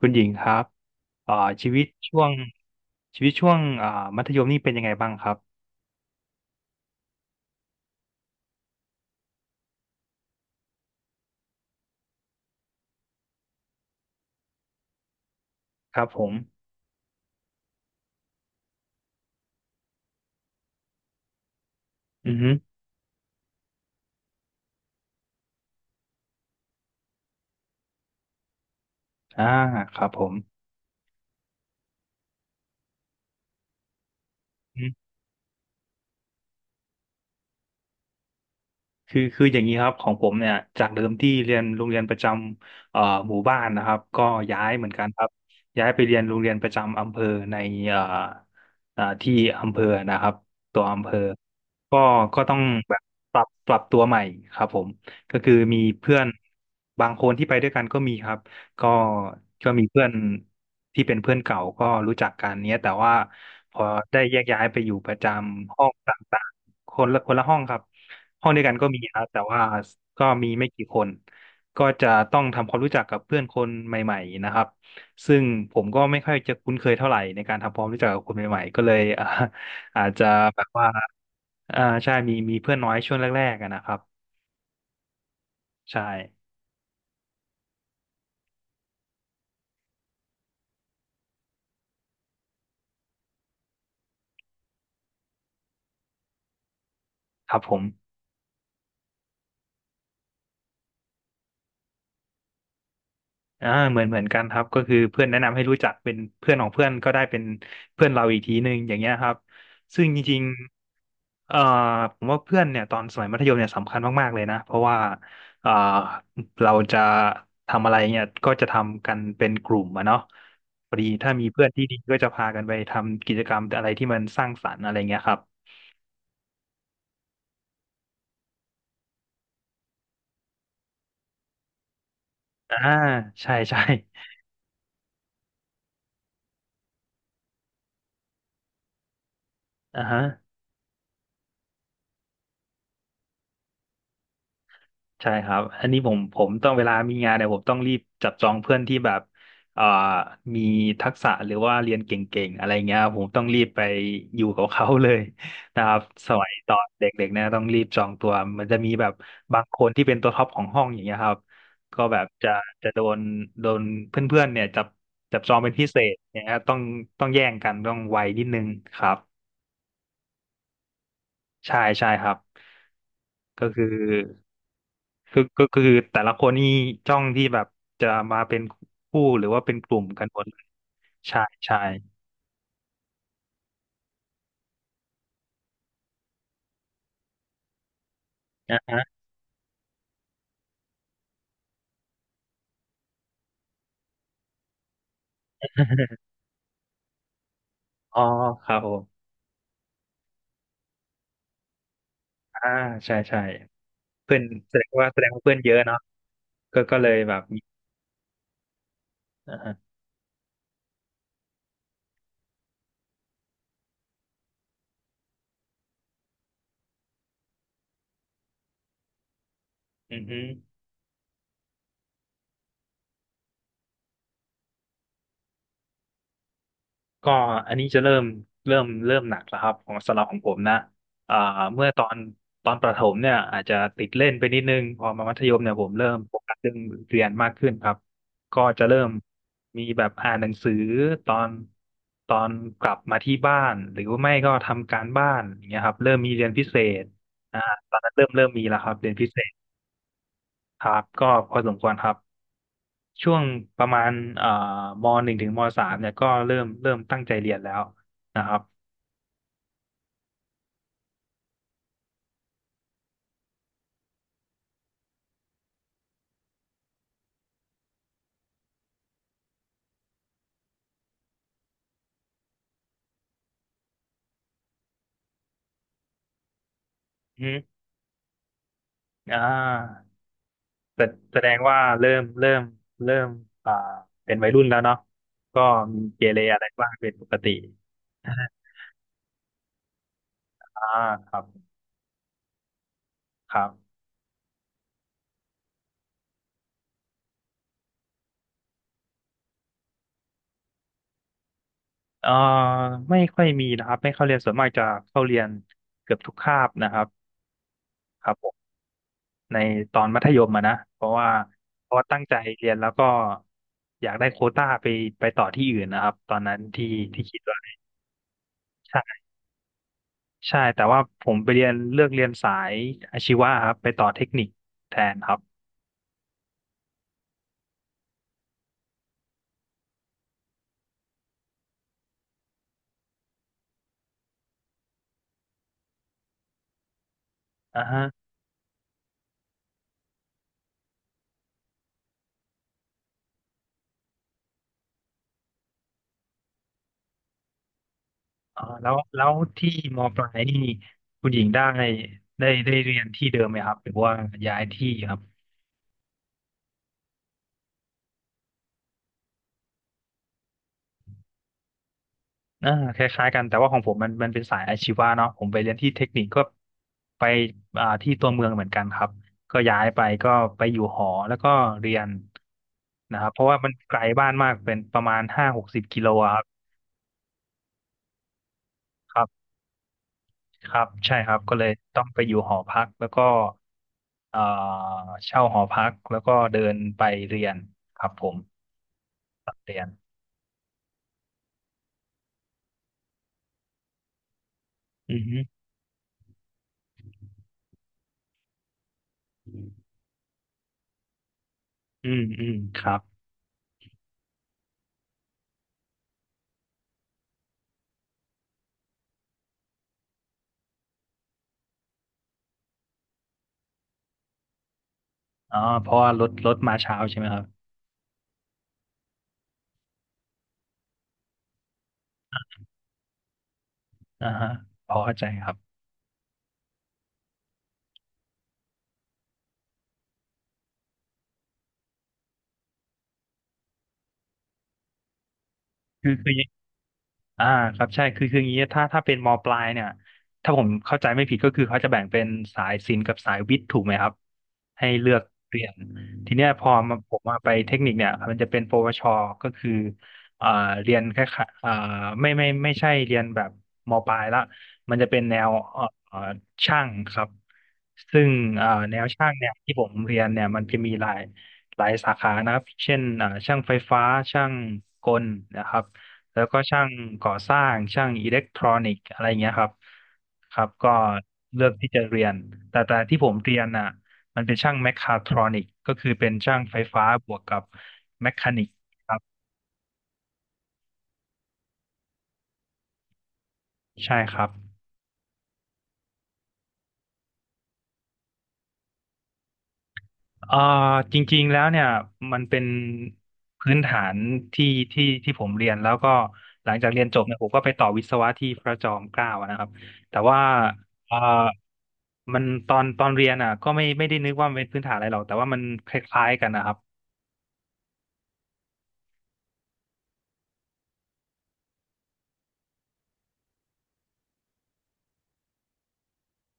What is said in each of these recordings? คุณหญิงครับอ่าชีวิตช่วงชีวิตช่วงมัธยมนี่เป็นยังไงบ้างครับครับผมอือฮึอ่าครับผมอื คืออย่างนี้ครับของผมเนี่ยจากเดิมที่เรียนโรงเรียนประจำหมู่บ้านนะครับก็ย้ายเหมือนกันครับย้ายไปเรียนโรงเรียนประจำอำเภอในเอ่อที่อำเภอนะครับตัวอำเภอก็ก็ต้องแบบปรับตัวใหม่ครับผมก็คือมีเพื่อนบางคนที่ไปด้วยกันก็มีครับก็ก็มีเพื่อนที่เป็นเพื่อนเก่าก็รู้จักกันเนี้ยแต่ว่า พอได้แยกย้ายไปอยู่ประจำห้องต่างๆคนละห้องครับห้องเดียวกันก็มีครับแต่ว่าก็มีไม่กี่คนก็จะต้องทำความรู้จักกับเพื่อนคนใหม่ๆนะครับซึ่งผมก็ไม่ค่อยจะคุ้นเคยเท่าไหร่ในการทำความรู้จักกับคนใหม่ๆก็เลย อาจจะแบบว่าใช่มีเพื่อนน้อยช่วงแรกๆอะนะครับใช่ครับผมเหมือนกันครับก็คือเพื่อนแนะนำให้รู้จักเป็นเพื่อนของเพื่อนก็ได้เป็นเพื่อนเราอีกทีหนึ่งอย่างเงี้ยครับซึ่งจริง เอ่อผมว่าเพื่อนเนี่ยตอนสมัยมัธยมเนี่ยสำคัญมากๆเลยนะเพราะว่าเอ่อเราจะทำอะไรเนี่ยก็จะทำกันเป็นกลุ่มอะเนาะพอดีถ้ามีเพื่อนที่ดีก็จะพากันไปทำกิจกรรมอะไรที่มันสร้างสรรค์อะไรเงี้ยครับอ่าใช่ใช่อ่าฮะ ใช่ครับอันนี้ผมต้องเวลามีงานเนี่ยผมต้องรีบจับจองเพื่อนที่แบบเอ่อมีทักษะหรือว่าเรียนเก่งๆอะไรเงี้ยครับผมต้องรีบไปอยู่กับเขาเลย นะครับสมัยตอนเด็กๆเนี่ยต้องรีบจองตัวมันจะมีแบบบางคนที่เป็นตัวท็อปของห้องอย่างเงี้ยครับก็แบบจะโดนเพื่อนๆเนี่ยจับจับจองเป็นพิเศษอย่างเงี้ยต้องแย่งกันต้องไวนิดนึงครับใช่ใช่ครับก็คือ คือก็ก็คือแต่ละคนนี่จ้องที่แบบจะมาเป็นคู่หรือว่าเป็นกลุ่มกันหมดเลยใช่ใช่อ่าฮะอ๋อครับผมอ่าใช่ใช่เพื่อนแสดงว่าเพื่อนเยอะเนาะก็เลยแบบมีอ่าฮะอือฮึ ก็อันนี้จะเริ่มเริ่มหนักแล้วครับของสำหรับของผมนะอ่าเมื่อตอนประถมเนี่ยอาจจะติดเล่นไปนิดนึงพอมามัธยมเนี่ยผมเริ่มโฟกัสเรื่องเรียนมากขึ้นครับก็จะเริ่มมีแบบอ่านหนังสือตอนตอนกลับมาที่บ้านหรือว่าไม่ก็ทำการบ้านอย่างเงี้ยครับเริ่มมีเรียนพิเศษอ่าตอนนั้นเริ่มมีแล้วครับเรียนพิเศษครับก็พอสมควรครับช่วงประมาณเอ่อมหนึ่งถึงมสามเนี่ยก็เริ่มตั้งใจเรียนแล้วนะครับ อืมอ่าแสแสดงว่าเริ่มอ่าเป็นวัยรุ่นแล้วเนาะก็มีเกเรอะไรบ้างเป็นปกติอ่าครับครับเอ่อไม่ค่อยมีนะครับ ไม่เข้าเรียนส่วนมากจะเข้าเรียนเกือบทุกคาบนะครับครับผมในตอนมัธยมอะนะเพราะว่าเพราะว่าตั้งใจเรียนแล้วก็อยากได้โควต้าไปต่อที่อื่นนะครับ ตอนนั้นที่คิดว่า ใช่แต่ว่าผมไปเรียนเลือกเรียนสายอาชีวะครับไปต่อเทคนิคแทนครับอ่าฮะอ่าแล้วแล้วที่มปลายนี่คุณหญิงได้ได้เรียนที่เดิมไหมครับหรือว่าย้ายที่ครับอ่าคล้ายๆกันแต่ว่าของผมมันเป็นสายอาชีวะเนาะผมไปเรียนที่เทคนิคก็ไปที่ตัวเมืองเหมือนกันครับก็ย้ายไปก็ไปอยู่หอแล้วก็เรียนนะครับเพราะว่ามันไกลบ้านมากเป็นประมาณ50-60 กม.อะครับ ครับใช่ครับก็เลยต้องไปอยู่หอพักแล้วก็เอ่อเช่าหอพักแล้วก็เดินไปเรียนครับผมเรียนอือฮึอืมอืมครับอ๋อเพราะว่ารถมาเช้าใช่ไหมครับอ่าฮะพอเข้าใจครับคือคือ อ่าครับใช่คืออย่างนี้ถ้าเป็นมปลายเนี่ยถ้าผมเข้าใจไม่ผิดก็คือเขาจะแบ่งเป็นสายศิลป์กับสายวิทย์ถูกไหมครับให้เลือกเรียนทีเนี้ยพอผมมาไปเทคนิคเนี่ยมันจะเป็นปวชก็คืออ่าเรียนแค่ายๆอ่าไม่ใช่เรียนแบบมปลายละมันจะเป็นแนวช่างครับซึ่งแนวช่างเนี่ยที่ผมเรียนเนี่ยมันจะมีหลายสาขานะครับเช่นช่างไฟฟ้าช่างกลนะครับ แล้วก็ช่างก่อสร้างช่างอิเล็กทรอนิกส์อะไรเงี้ยครับครับก็เลือกที่จะเรียนแต่ที่ผมเรียนน่ะมันเป็นช่างแมคคาทรอนิกส์ก็คือเป็นช่างไฟฟ้าบวกกับแมคคานิกส์ครับใช่ครับ เอ่อจริงๆแล้วเนี่ยมันเป็นพื้นฐานที่ที่ที่ผมเรียนแล้วก็หลังจากเรียนจบเนี่ยผมก็ไปต่อวิศวะที่พระจอมเกล้าอะนะครับแต่ว่าเอ่อมันตอนเรียนอ่ะก็ไม่ได้นึกว่ามันเป็นพื้นฐานอะไรหรอกแต่ว่ามันคล้ายๆกันนะครับ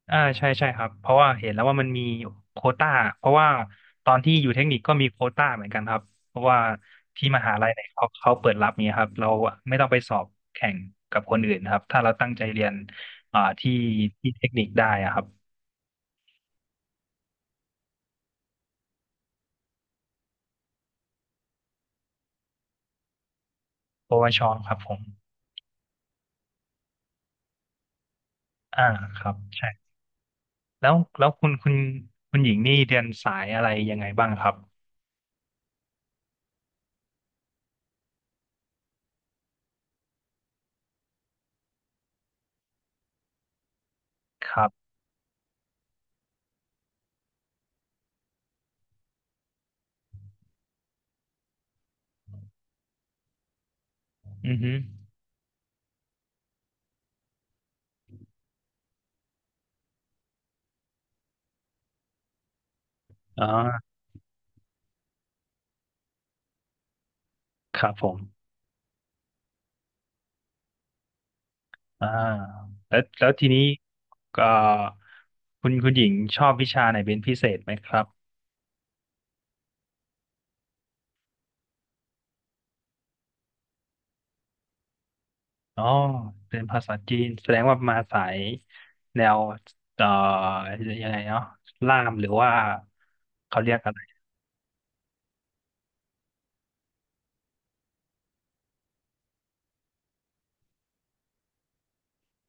อ่าใช่ใช่ครับเพราะว่าเห็นแล้วว่ามันมีโควต้าเพราะว่าตอนที่อยู่เทคนิคก็มีโควต้าเหมือนกันครับเพราะว่าที่มหาลัยเนี่ยเขาเปิดรับเนี่ยครับเราไม่ต้องไปสอบแข่งกับคนอื่นครับถ้าเราตั้งใจเรียนอ่าที่เทคนิคได้อะครับปวชครับผมอ่าครับใช่แล้วแล้วคุณหญิงนี่เรียนสายอะไรยังไงบ้างครับครับอือฮึอ๋อครับผม อ่าแล้วแล้วทีนี้ก็คุณหญิงชอบวิชาไหนเป็นพิเศษไหมครับอ๋อเป็นภาษาจีนแสดงว่ามาสายแนวเอ่อยังไงเนาะล่ามหรือว่าเขาเรียกอะไร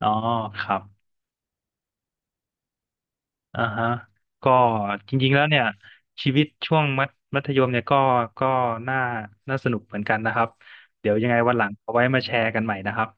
อ๋อครับอ่าฮะก็จริงๆแล้วเนี่ยชีวิตช่วงมัธยมเนี่ยก็ก็น่าน่าสนุกเหมือนกันนะครับเดี๋ยวยังไงวันหลังเอาไว้มาแชร์กันใหม่นะครับ